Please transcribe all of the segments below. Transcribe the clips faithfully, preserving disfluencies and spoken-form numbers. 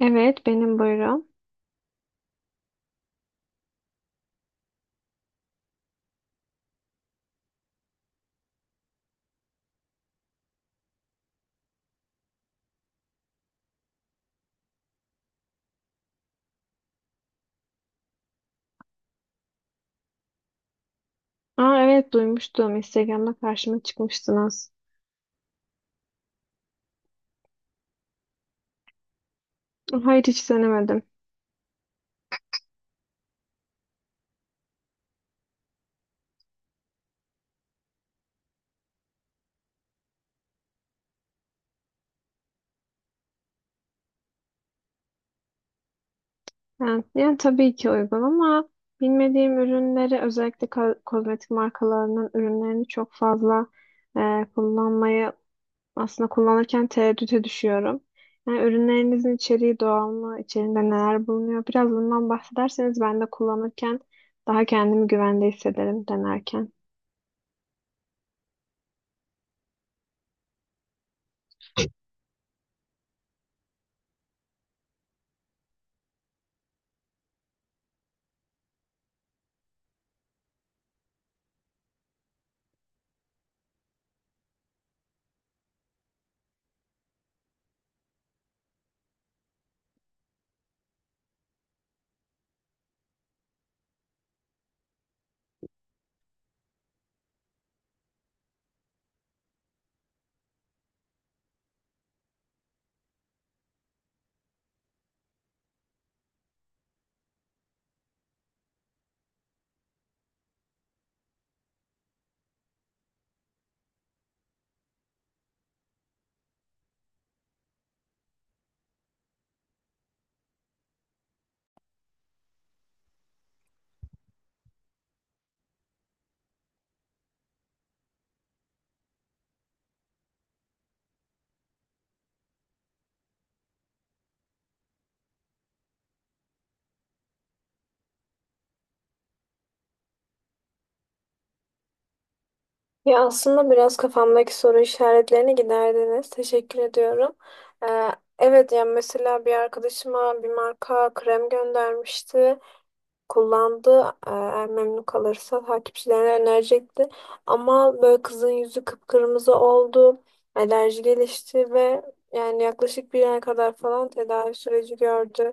Evet, benim buyurun. Aa, evet duymuştum. Instagram'da karşıma çıkmıştınız. Hayır, hiç denemedim. Yani, yani tabii ki uygun, ama bilmediğim ürünleri, özellikle ko- kozmetik markalarının ürünlerini çok fazla e, kullanmayı, aslında kullanırken tereddüte düşüyorum. Yani ürünlerinizin içeriği doğal mı? İçerinde neler bulunuyor? Biraz bundan bahsederseniz, ben de kullanırken daha kendimi güvende hissederim denerken. Ya, aslında biraz kafamdaki soru işaretlerini giderdiniz. Teşekkür ediyorum. Ee, evet, yani mesela bir arkadaşıma bir marka krem göndermişti. Kullandı. Ee, eğer memnun kalırsa takipçilerine önerecekti. Ama böyle kızın yüzü kıpkırmızı oldu. Alerji gelişti ve yani yaklaşık bir ay kadar falan tedavi süreci gördü.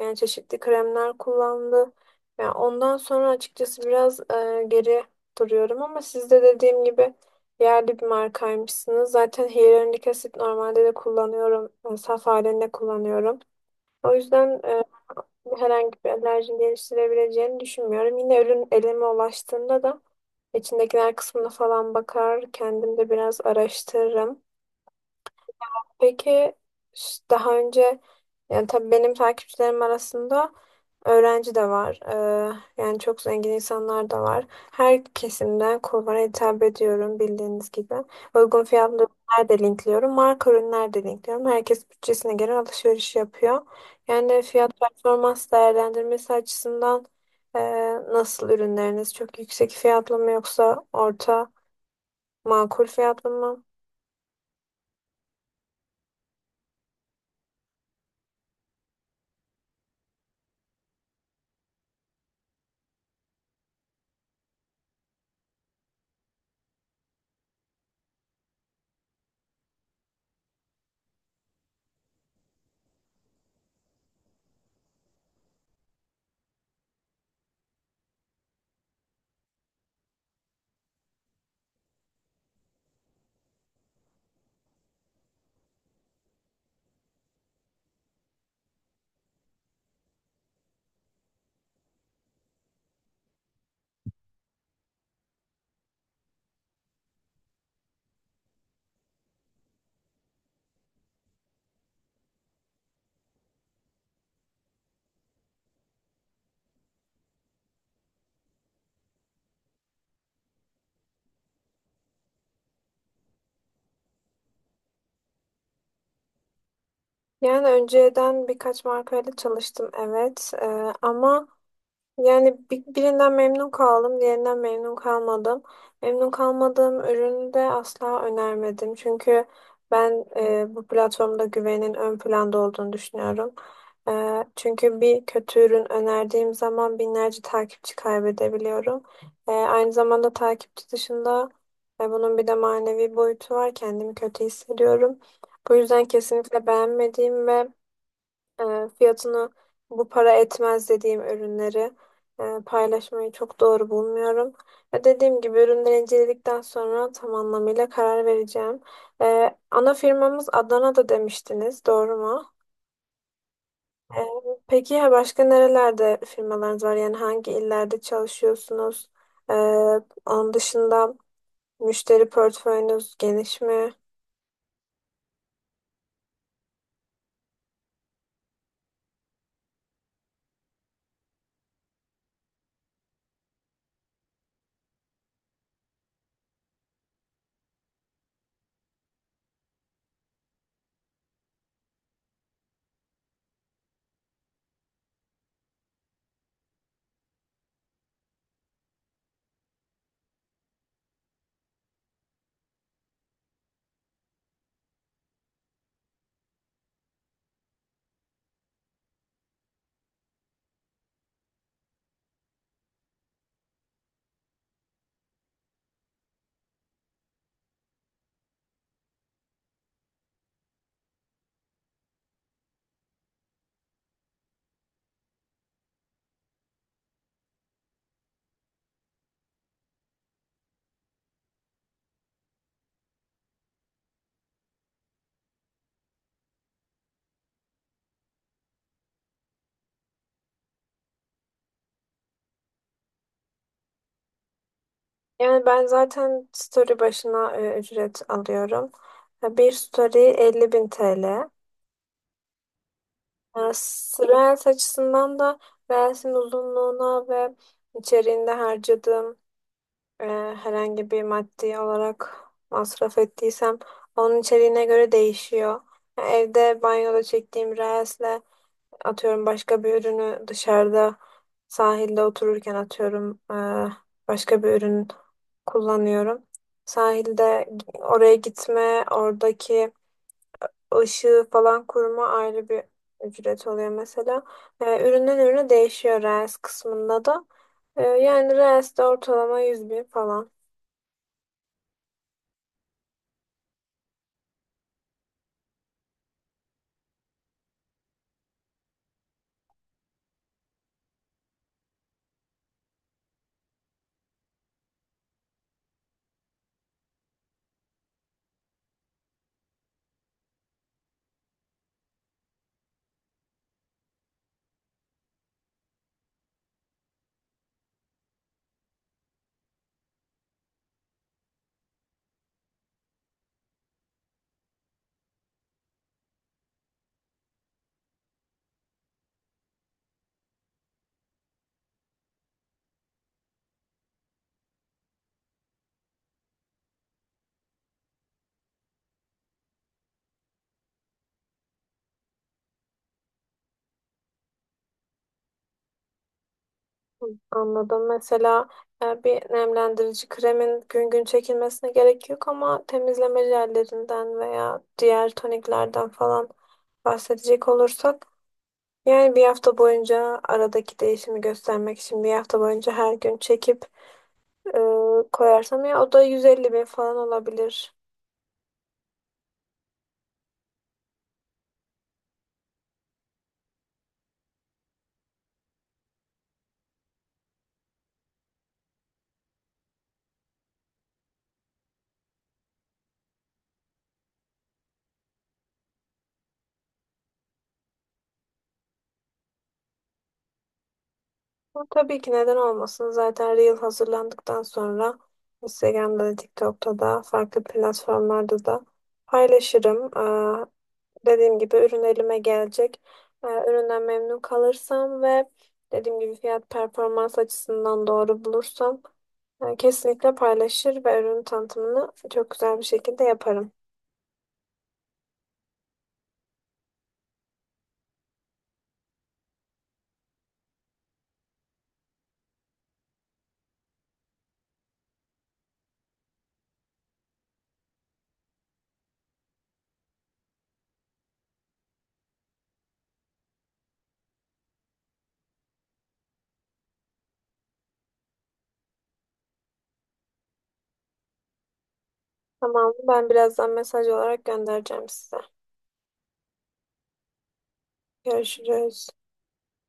Yani çeşitli kremler kullandı. Yani ondan sonra açıkçası biraz e, geri duruyorum, ama siz de dediğim gibi yerli bir markaymışsınız. Zaten hyaluronik asit normalde de kullanıyorum, e, saf halinde kullanıyorum. O yüzden e, herhangi bir alerji geliştirebileceğini düşünmüyorum. Yine ürün elime ulaştığında da içindekiler kısmına falan bakar, kendim de biraz araştırırım. Peki, ş- daha önce, yani tabii benim takipçilerim arasında öğrenci de var. Ee, yani çok zengin insanlar da var. Her kesimden kulvara hitap ediyorum bildiğiniz gibi. Uygun fiyatlı ürünler de linkliyorum, marka ürünler de linkliyorum. Herkes bütçesine göre alışveriş yapıyor. Yani fiyat performans değerlendirmesi açısından e, nasıl ürünleriniz? Çok yüksek fiyatlı mı, yoksa orta, makul fiyatlı mı? Yani önceden birkaç markayla çalıştım, evet. Ee, ama yani bi- birinden memnun kaldım, diğerinden memnun kalmadım. Memnun kalmadığım ürünü de asla önermedim, çünkü ben e, bu platformda güvenin ön planda olduğunu düşünüyorum. Ee, çünkü bir kötü ürün önerdiğim zaman binlerce takipçi kaybedebiliyorum. Ee, aynı zamanda takipçi dışında e, bunun bir de manevi boyutu var, kendimi kötü hissediyorum. Bu yüzden kesinlikle beğenmediğim ve e, fiyatını bu para etmez dediğim ürünleri e, paylaşmayı çok doğru bulmuyorum. Ve dediğim gibi, ürünleri inceledikten sonra tam anlamıyla karar vereceğim. E, ana firmamız Adana'da demiştiniz, doğru mu? E, peki ya başka nerelerde firmalarınız var? Yani hangi illerde çalışıyorsunuz? E, Onun dışında müşteri portföyünüz geniş mi? Yani ben zaten story başına e, ücret alıyorum. E, Bir story elli bin T L. Yani Reels açısından da Reels'in uzunluğuna ve içeriğinde harcadığım, e, herhangi bir maddi olarak masraf ettiysem onun içeriğine göre değişiyor. Yani evde banyoda çektiğim Reels'le atıyorum başka bir ürünü, dışarıda sahilde otururken atıyorum e, başka bir ürün kullanıyorum. Sahilde oraya gitme, oradaki ışığı falan kurma ayrı bir ücret oluyor mesela. Ee, üründen ürüne değişiyor Reels kısmında da. Ee, yani Reels'de ortalama yüz bin falan. Anladım. Mesela e, bir nemlendirici kremin gün gün çekilmesine gerek yok, ama temizleme jellerinden veya diğer toniklerden falan bahsedecek olursak, yani bir hafta boyunca aradaki değişimi göstermek için bir hafta boyunca her gün çekip e, koyarsam ya, o da yüz elli bin falan olabilir. Ama tabii ki, neden olmasın? Zaten Reel hazırlandıktan sonra Instagram'da da, TikTok'ta da, farklı platformlarda da paylaşırım. Ee, dediğim gibi ürün elime gelecek. Ee, üründen memnun kalırsam ve dediğim gibi fiyat performans açısından doğru bulursam, e, kesinlikle paylaşır ve ürün tanıtımını çok güzel bir şekilde yaparım. Tamam, ben birazdan mesaj olarak göndereceğim size. Görüşürüz.